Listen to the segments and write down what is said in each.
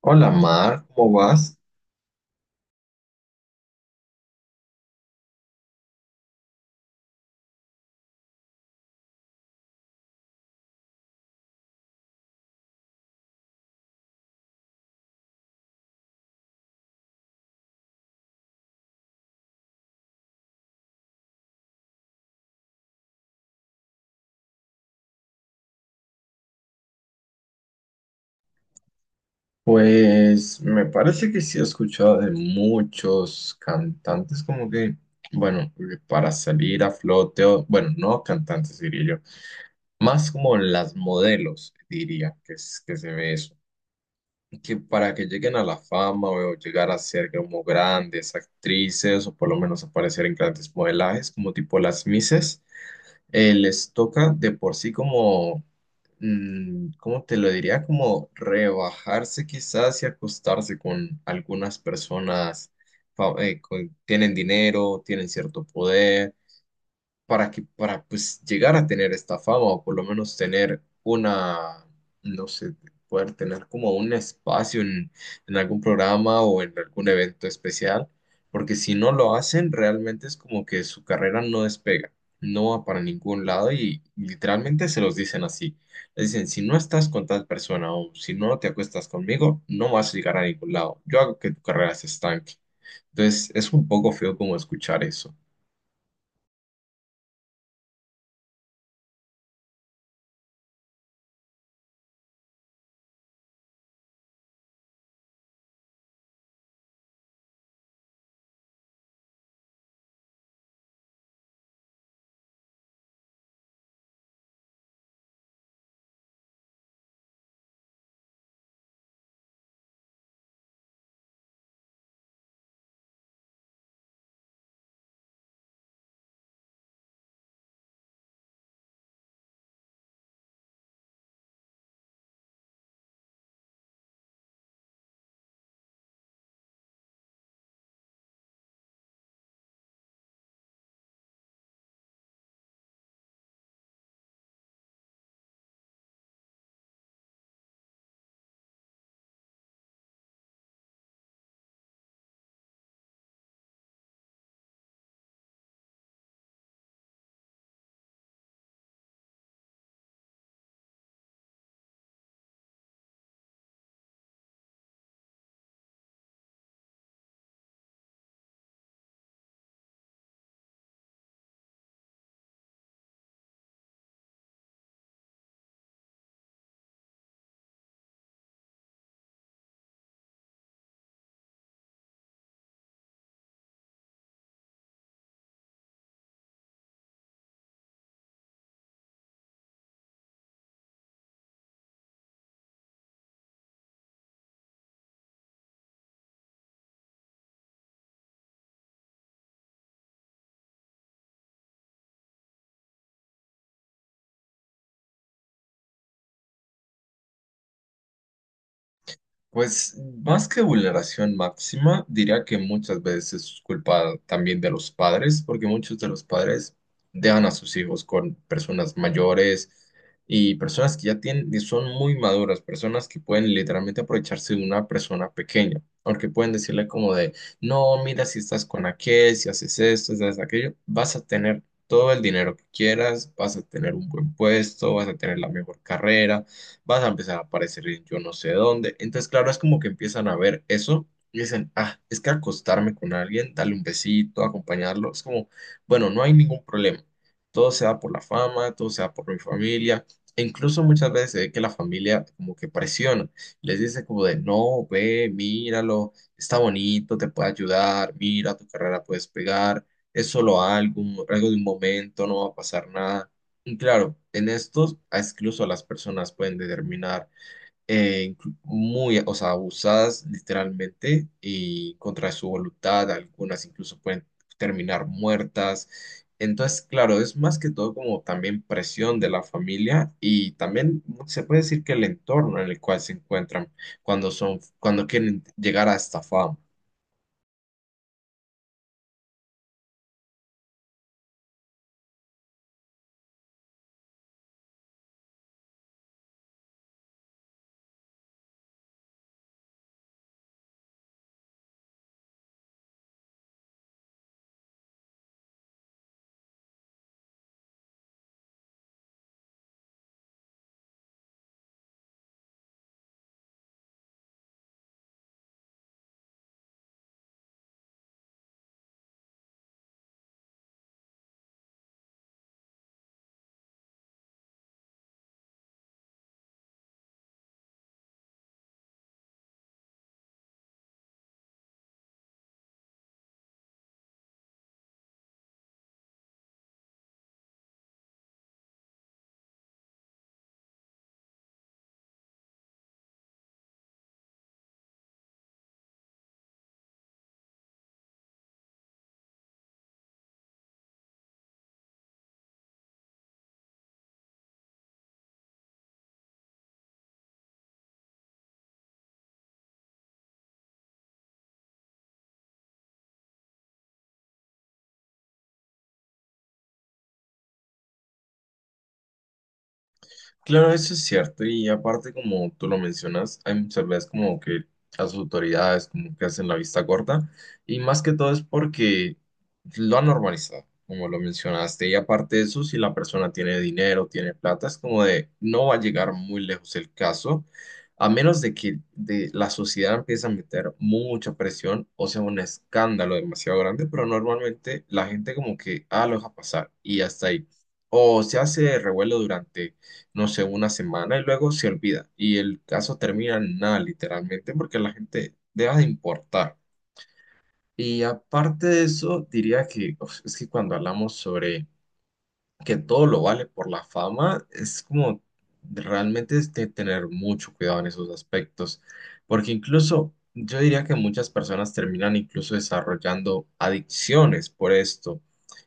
Hola Mar, ¿cómo vas? Pues me parece que sí he escuchado de muchos cantantes como que, bueno, para salir a flote, o, bueno, no cantantes diría yo, más como las modelos diría que, que se ve eso, que para que lleguen a la fama o llegar a ser como grandes actrices o por lo menos aparecer en grandes modelajes como tipo las Misses. Les toca de por sí como, ¿cómo te lo diría? Como rebajarse quizás y acostarse con algunas personas, tienen dinero, tienen cierto poder para para pues llegar a tener esta fama o por lo menos tener una, no sé, poder tener como un espacio en algún programa o en algún evento especial, porque si no lo hacen, realmente es como que su carrera no despega, no va para ningún lado y literalmente se los dicen así. Les dicen, si no estás con tal persona o si no te acuestas conmigo, no vas a llegar a ningún lado. Yo hago que tu carrera se estanque. Entonces, es un poco feo como escuchar eso. Pues más que vulneración máxima, diría que muchas veces es culpa también de los padres, porque muchos de los padres dejan a sus hijos con personas mayores y personas que ya tienen, y son muy maduras, personas que pueden literalmente aprovecharse de una persona pequeña, porque pueden decirle como de, no, mira, si estás con aquel, si haces esto, si haces aquello, vas a tener todo el dinero que quieras, vas a tener un buen puesto, vas a tener la mejor carrera, vas a empezar a aparecer en yo no sé dónde. Entonces, claro, es como que empiezan a ver eso y dicen, ah, es que acostarme con alguien, darle un besito, acompañarlo, es como, bueno, no hay ningún problema. Todo se da por la fama, todo se da por mi familia. E incluso muchas veces se ve que la familia como que presiona, les dice como de, no, ve, míralo, está bonito, te puede ayudar, mira, tu carrera puedes pegar, es solo algo, algo de un momento, no va a pasar nada. Y claro, en estos incluso las personas pueden determinar muy, o sea, abusadas literalmente y contra su voluntad, algunas incluso pueden terminar muertas. Entonces, claro, es más que todo como también presión de la familia y también se puede decir que el entorno en el cual se encuentran cuando son, cuando quieren llegar a esta fama. Claro, eso es cierto. Y aparte, como tú lo mencionas, hay muchas veces como que las autoridades como que hacen la vista corta. Y más que todo es porque lo han normalizado, como lo mencionaste. Y aparte de eso, si la persona tiene dinero, tiene plata, es como de no va a llegar muy lejos el caso, a menos de que de la sociedad empiece a meter mucha presión o sea un escándalo demasiado grande. Pero normalmente la gente como que ah, lo deja pasar y hasta ahí. O se hace revuelo durante no sé, una semana y luego se olvida. Y el caso termina en nada, literalmente, porque la gente deja de importar. Y aparte de eso, diría que uf, es que cuando hablamos sobre que todo lo vale por la fama, es como realmente es de tener mucho cuidado en esos aspectos, porque incluso yo diría que muchas personas terminan incluso desarrollando adicciones por esto,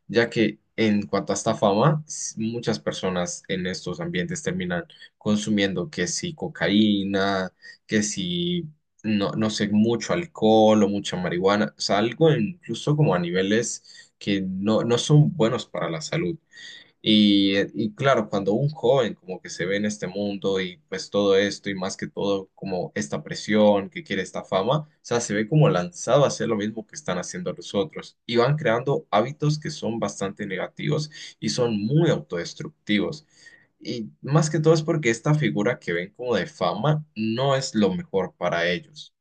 ya que en cuanto a esta fama, muchas personas en estos ambientes terminan consumiendo que si cocaína, que si... No, no sé, mucho alcohol o mucha marihuana, o sea, algo incluso como a niveles que no, no son buenos para la salud. Y, y claro, cuando un joven como que se ve en este mundo y pues todo esto y más que todo como esta presión que quiere esta fama, o sea, se ve como lanzado a hacer lo mismo que están haciendo los otros y van creando hábitos que son bastante negativos y son muy autodestructivos. Y más que todo es porque esta figura que ven como de fama no es lo mejor para ellos.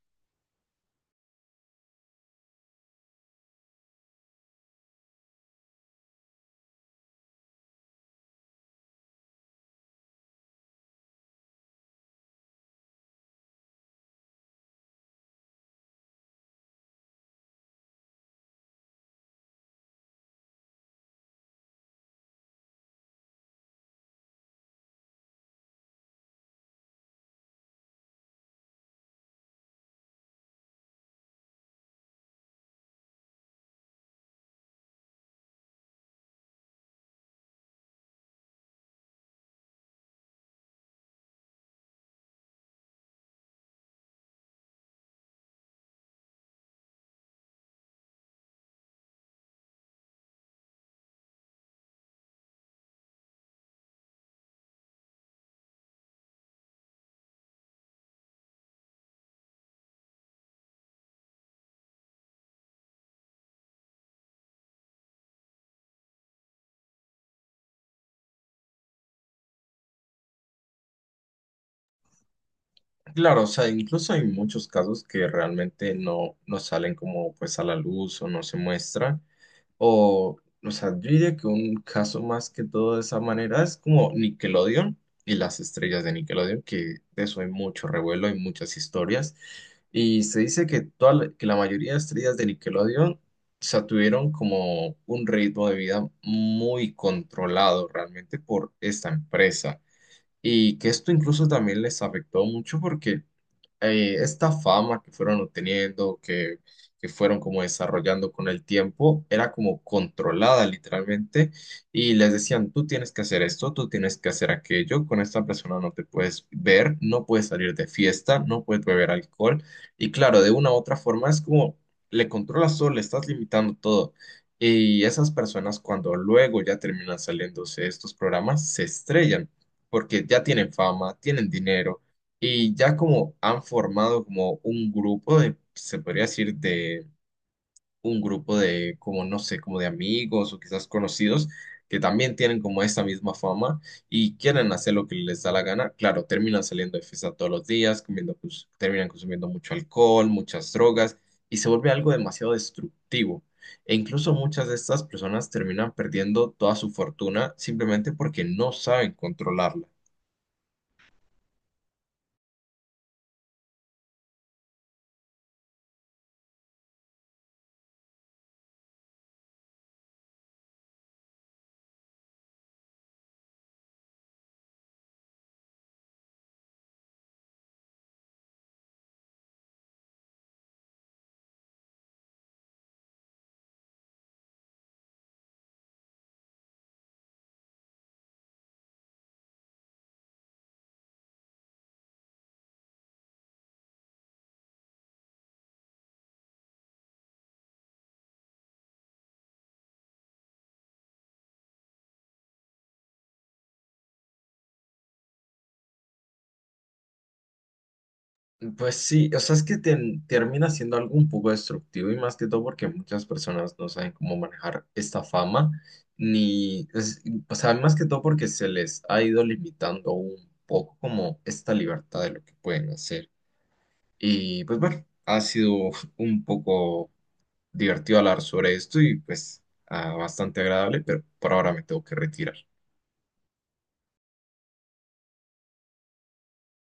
Claro, o sea, incluso hay muchos casos que realmente no, no salen como pues a la luz o no se muestran. O sea, yo diría que un caso más que todo de esa manera es como Nickelodeon y las estrellas de Nickelodeon, que de eso hay mucho revuelo, hay muchas historias. Y se dice que, toda la, que la mayoría de estrellas de Nickelodeon, o sea, tuvieron como un ritmo de vida muy controlado realmente por esta empresa. Y que esto incluso también les afectó mucho porque esta fama que fueron obteniendo, que fueron como desarrollando con el tiempo, era como controlada literalmente y les decían, tú tienes que hacer esto, tú tienes que hacer aquello, con esta persona no te puedes ver, no puedes salir de fiesta, no puedes beber alcohol y claro, de una u otra forma es como le controlas todo, le estás limitando todo. Y esas personas cuando luego ya terminan saliéndose de estos programas se estrellan porque ya tienen fama, tienen dinero y ya como han formado como un grupo de, se podría decir, de un grupo de como, no sé, como de amigos o quizás conocidos que también tienen como esta misma fama y quieren hacer lo que les da la gana. Claro, terminan saliendo de fiesta todos los días, comiendo, pues, terminan consumiendo mucho alcohol, muchas drogas y se vuelve algo demasiado destructivo. E incluso muchas de estas personas terminan perdiendo toda su fortuna simplemente porque no saben controlarla. Pues sí, o sea, es que termina siendo algo un poco destructivo y más que todo porque muchas personas no saben cómo manejar esta fama, ni, es- o sea, más que todo porque se les ha ido limitando un poco como esta libertad de lo que pueden hacer. Y pues bueno, ha sido un poco divertido hablar sobre esto y pues ah, bastante agradable, pero por ahora me tengo que retirar.